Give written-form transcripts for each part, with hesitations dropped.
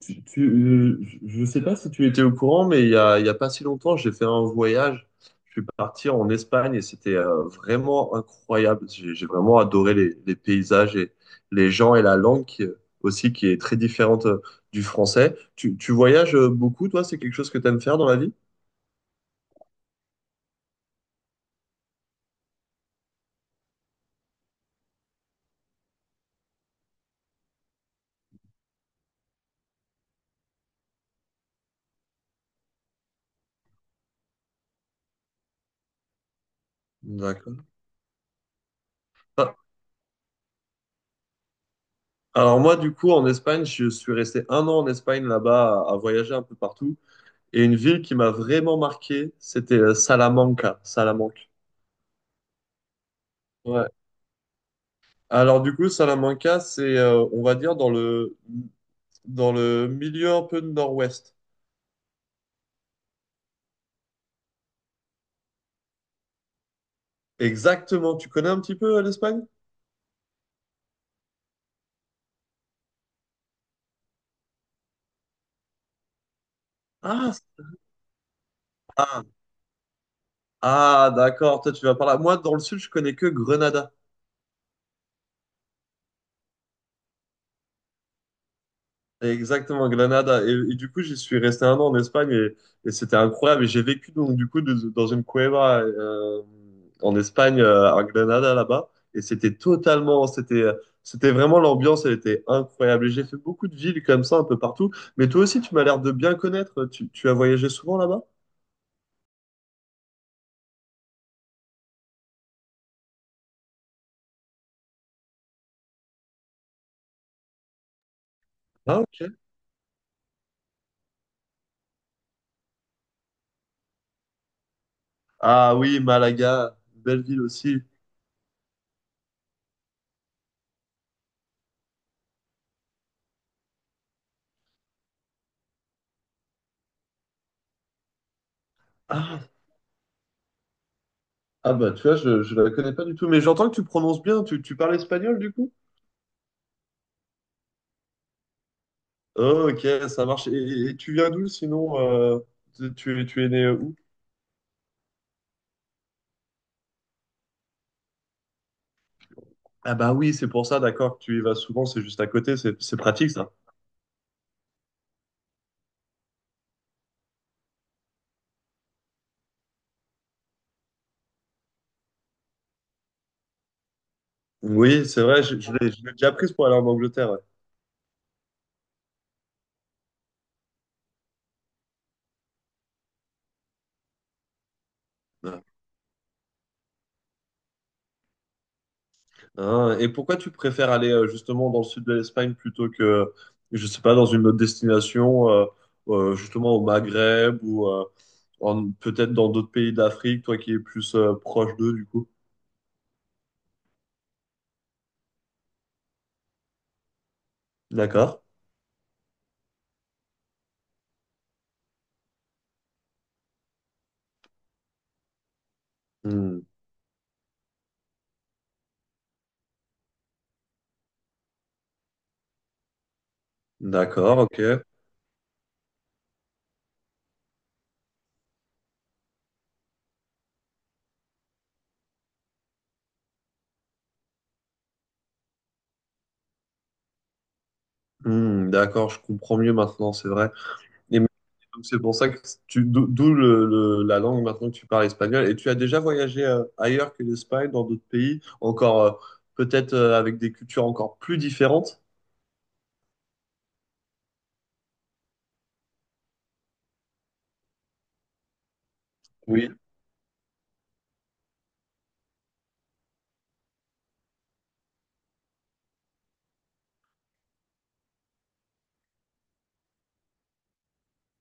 Tu, tu- euh, je ne sais pas si tu étais au courant, mais il y a pas si longtemps, j'ai fait un voyage. Je suis parti en Espagne et c'était vraiment incroyable. J'ai vraiment adoré les paysages et les gens et la langue qui, aussi qui est très différente du français. Tu voyages beaucoup, toi? C'est quelque chose que tu aimes faire dans la vie? D'accord. Ah, alors moi, du coup, en Espagne, je suis resté un an en Espagne là-bas à, voyager un peu partout. Et une ville qui m'a vraiment marqué, c'était Salamanca. Salamanque. Alors du coup, Salamanca, c'est, on va dire, dans le milieu un peu de nord-ouest. Exactement. Tu connais un petit peu l'Espagne? Ah, ah, ah, d'accord. Toi, tu vas par là. Moi, dans le sud, je connais que Grenada. Exactement, Granada. Et du coup, j'y suis resté un an en Espagne et c'était incroyable. Et j'ai vécu donc du coup dans une cueva en Espagne, à Granada là-bas. Et c'était vraiment l'ambiance, elle était incroyable. Et j'ai fait beaucoup de villes comme ça un peu partout. Mais toi aussi, tu m'as l'air de bien connaître. Tu as voyagé souvent là-bas? Ah, ok. Ah oui, Malaga, belle ville aussi. Ah, ah bah tu vois, je la connais pas du tout. Mais j'entends que tu prononces bien. Tu parles espagnol du coup? Ok, ça marche. Et tu viens d'où sinon, tu, tu es né où? Ah bah oui, c'est pour ça, d'accord, que tu y vas souvent, c'est juste à côté, c'est pratique ça. Oui, c'est vrai, je l'ai je l'ai déjà prise pour aller en Angleterre. Ouais. Hein, et pourquoi tu préfères aller justement dans le sud de l'Espagne plutôt que, je sais pas, dans une autre destination, justement au Maghreb ou peut-être dans d'autres pays d'Afrique, toi qui es plus proche d'eux du coup? D'accord. Hmm, d'accord, ok. Hmm, d'accord, je comprends mieux maintenant, c'est vrai. Et donc c'est pour ça que tu, d'o- d'où le- la langue maintenant que tu parles espagnol. Et tu as déjà voyagé ailleurs que l'Espagne, dans d'autres pays, encore peut-être avec des cultures encore plus différentes? Oui.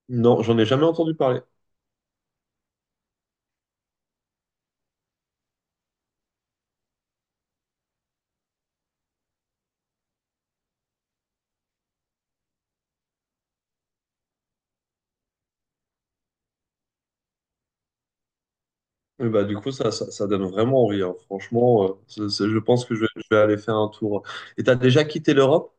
Non, j'en ai jamais entendu parler. Et bah, du coup, ça donne vraiment envie. Hein. Franchement, je pense que je vais aller faire un tour. Et t'as déjà quitté l'Europe?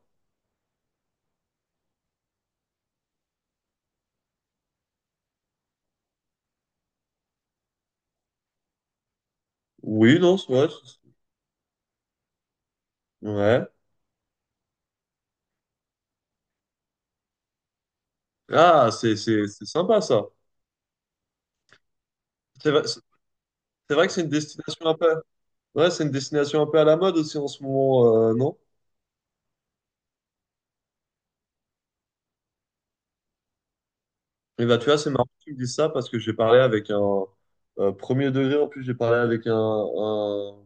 Oui, non, c'est vrai. Ouais. Ah, c'est sympa ça. C'est vrai, c'est vrai que c'est une destination un peu. Ouais, c'est une destination un peu à la mode aussi en ce moment, non? Et bah, tu vois, c'est marrant que tu me dises ça parce que j'ai parlé avec un premier degré, en plus, j'ai parlé avec un, un-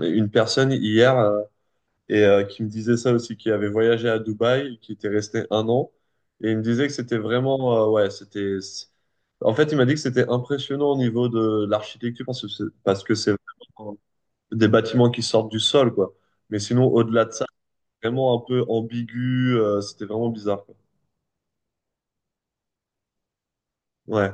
une personne hier, qui me disait ça aussi, qui avait voyagé à Dubaï, qui était resté un an et il me disait que c'était vraiment, ouais, c'était. En fait, il m'a dit que c'était impressionnant au niveau de l'architecture parce que c'est vraiment des bâtiments qui sortent du sol, quoi. Mais sinon, au-delà de ça, c'est vraiment un peu ambigu, c'était vraiment bizarre, quoi. Ouais.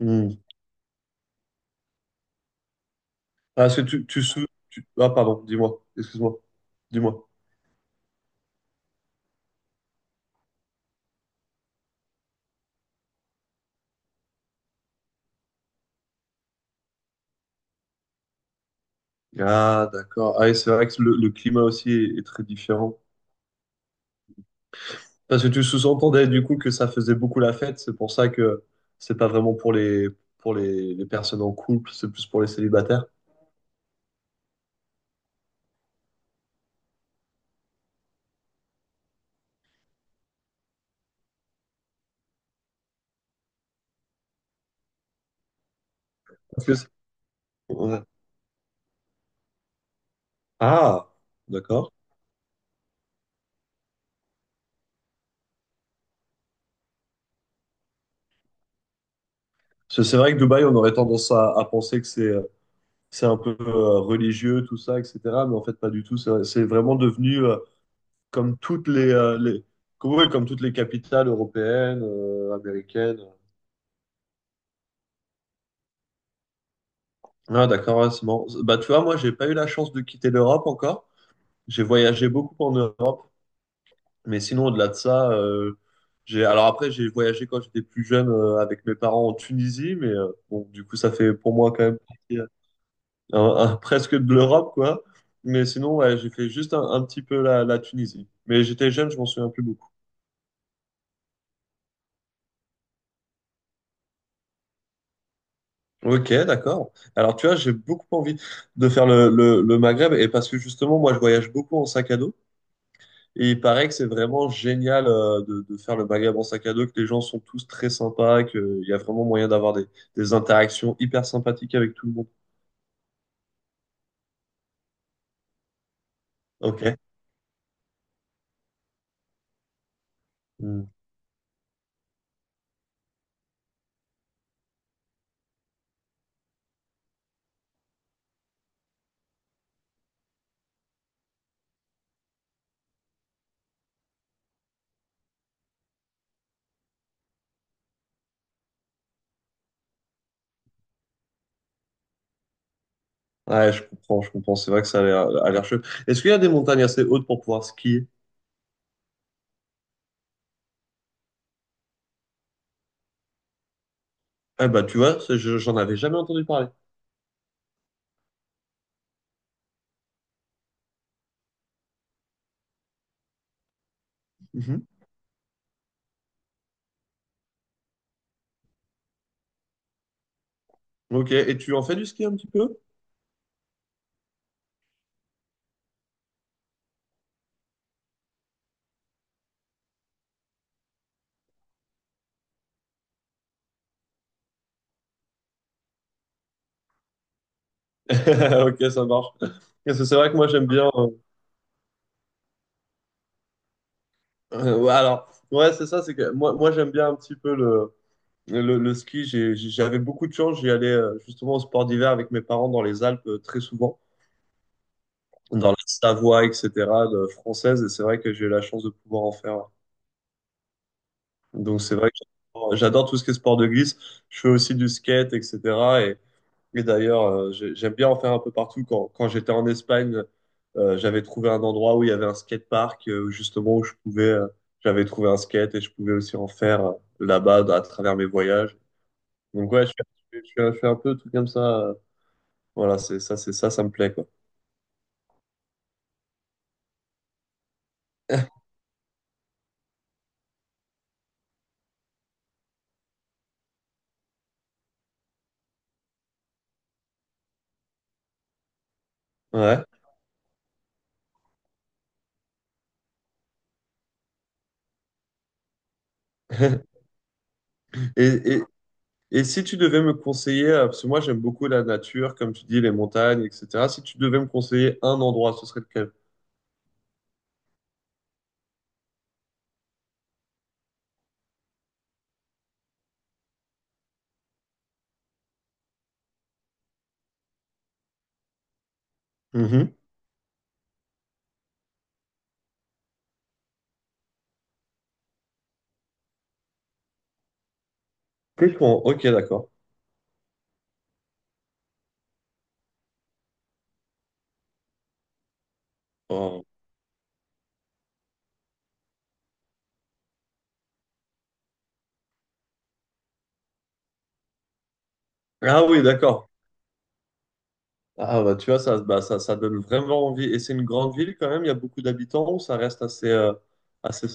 Hmm. Ah, est-ce que tu, sou- tu- Ah, pardon, dis-moi, excuse-moi, dis-moi. Ah, d'accord. Ah, et c'est vrai que le climat aussi est très différent. Parce que tu sous-entendais du coup que ça faisait beaucoup la fête, c'est pour ça que c'est pas vraiment pour les personnes en couple, c'est plus pour les célibataires. Parce que ouais. Ah, d'accord. C'est vrai que Dubaï, on aurait tendance à penser que c'est un peu religieux, tout ça, etc. Mais en fait, pas du tout. C'est vraiment devenu comme toutes les comme, ouais, comme toutes les capitales européennes, américaines. Ah, d'accord, ouais, c'est marrant. Bah, tu vois, moi, j'ai pas eu la chance de quitter l'Europe encore. J'ai voyagé beaucoup en Europe, mais sinon, au-delà de ça, j'ai. Alors après, j'ai voyagé quand j'étais plus jeune avec mes parents en Tunisie, mais bon, du coup, ça fait pour moi quand même presque de l'Europe, quoi. Mais sinon, ouais, j'ai fait juste un petit peu la Tunisie. Mais j'étais jeune, je m'en souviens plus beaucoup. Ok, d'accord. Alors, tu vois, j'ai beaucoup envie de faire le Maghreb et parce que justement, moi, je voyage beaucoup en sac à dos et il paraît que c'est vraiment génial, de, faire le Maghreb en sac à dos, que les gens sont tous très sympas, qu'il y a vraiment moyen d'avoir des interactions hyper sympathiques avec tout le monde. Ok. Hmm. Ouais, je comprends, je comprends. C'est vrai que ça a l'air chouette. Est-ce qu'il y a des montagnes assez hautes pour pouvoir skier? Ah bah tu vois, ça, j'en avais jamais entendu parler. Mhm. Ok, et tu en fais du ski un petit peu? Ok, ça marche. Parce que c'est vrai que moi j'aime bien. Ouais, alors, ouais, c'est ça, c'est que moi j'aime bien un petit peu le ski. J'avais beaucoup de chance, j'y allais justement au sport d'hiver avec mes parents dans les Alpes, très souvent, dans la Savoie, etc., française, et c'est vrai que j'ai eu la chance de pouvoir en faire. Donc c'est vrai que j'adore tout ce qui est sport de glisse. Je fais aussi du skate, etc. Et d'ailleurs, j'aime bien en faire un peu partout. Quand j'étais en Espagne, j'avais trouvé un endroit où il y avait un skatepark, justement, où j'avais trouvé un skate et je pouvais aussi en faire là-bas à travers mes voyages. Donc ouais, je fais un peu tout comme ça. Voilà, c'est ça, ça me plaît, quoi. Ouais. Et, et, et si tu devais me conseiller, parce que moi j'aime beaucoup la nature, comme tu dis, les montagnes, etc. Si tu devais me conseiller un endroit, ce serait lequel? Mhm. Tétouan, ok, d'accord. Oh. Ah oui, d'accord. Ah bah tu vois, bah, ça donne vraiment envie. Et c'est une grande ville quand même, il y a beaucoup d'habitants ou ça reste assez, assez.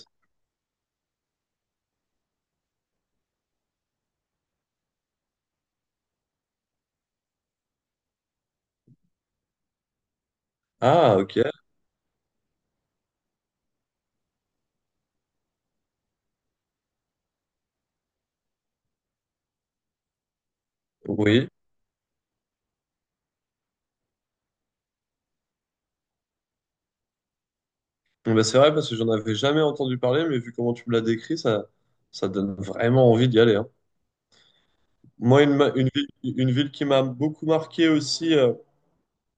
Ah ok, oui. Bon, bah, c'est vrai parce que j'en avais jamais entendu parler, mais vu comment tu me l'as décrit, ça donne vraiment envie d'y aller. Hein. Moi, une ville qui m'a beaucoup marqué aussi,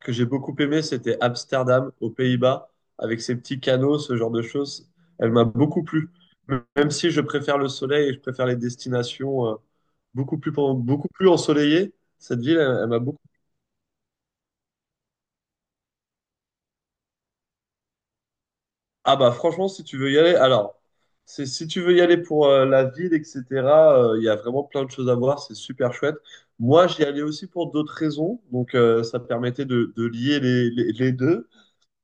que j'ai beaucoup aimé, c'était Amsterdam, aux Pays-Bas, avec ses petits canaux, ce genre de choses. Elle m'a beaucoup plu. Même si je préfère le soleil et je préfère les destinations, beaucoup plus ensoleillées, cette ville, elle, elle m'a beaucoup. Ah bah franchement, si tu veux y aller, alors, si tu veux y aller pour la ville, etc., il y a vraiment plein de choses à voir, c'est super chouette. Moi, j'y allais aussi pour d'autres raisons, donc ça permettait de, lier les, les deux.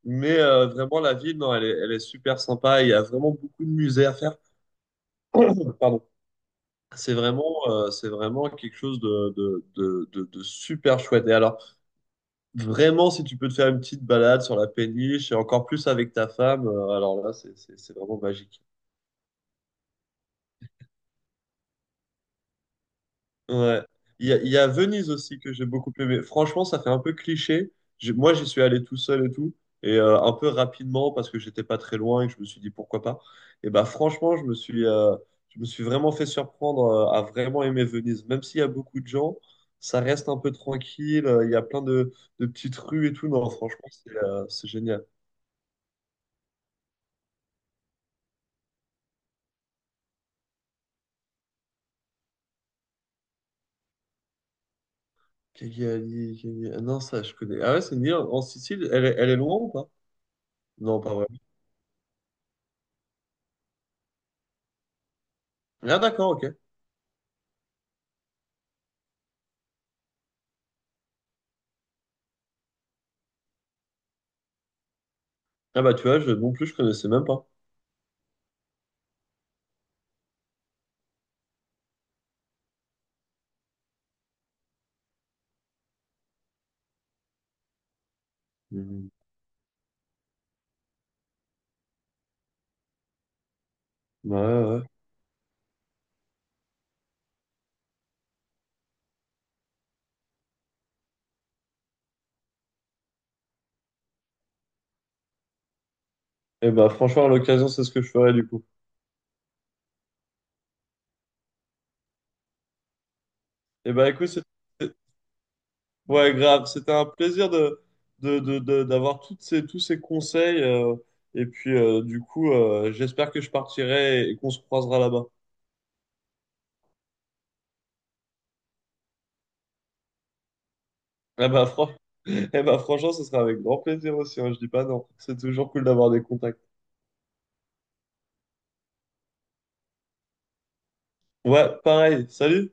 Mais vraiment, la ville, non, elle est super sympa. Il y a vraiment beaucoup de musées à faire. Pardon. C'est vraiment quelque chose de super chouette. Et alors, vraiment, si tu peux te faire une petite balade sur la péniche, et encore plus avec ta femme, alors là, c'est vraiment magique. Ouais. Il y a Venise aussi que j'ai beaucoup aimé. Franchement, ça fait un peu cliché. Moi, j'y suis allé tout seul et tout, et un peu rapidement parce que j'étais pas très loin et que je me suis dit pourquoi pas. Et bah franchement, je me suis vraiment fait surprendre à vraiment aimer Venise. Même s'il y a beaucoup de gens, ça reste un peu tranquille. Il y a plein de, petites rues et tout. Non, franchement, c'est génial. Cagliari, Cagliari- ah, non, ça, je connais. Ah ouais, c'est une île en Sicile. Elle est loin ou pas? Non, pas vraiment. Ah d'accord, ok. Ah bah tu vois, je, non plus, je connaissais même pas. Mhm. Ouais, ouais. Et bah, franchement, à l'occasion, c'est ce que je ferai du coup. Et bah, écoute, c'était, ouais, grave. C'était un plaisir de d'avoir toutes ces, tous ces conseils. Et puis, du coup, j'espère que je partirai et qu'on se croisera là-bas. Et bah, eh bah, franchement, ce sera avec grand plaisir aussi. Hein, je dis pas non. C'est toujours cool d'avoir des contacts. Ouais, pareil. Salut!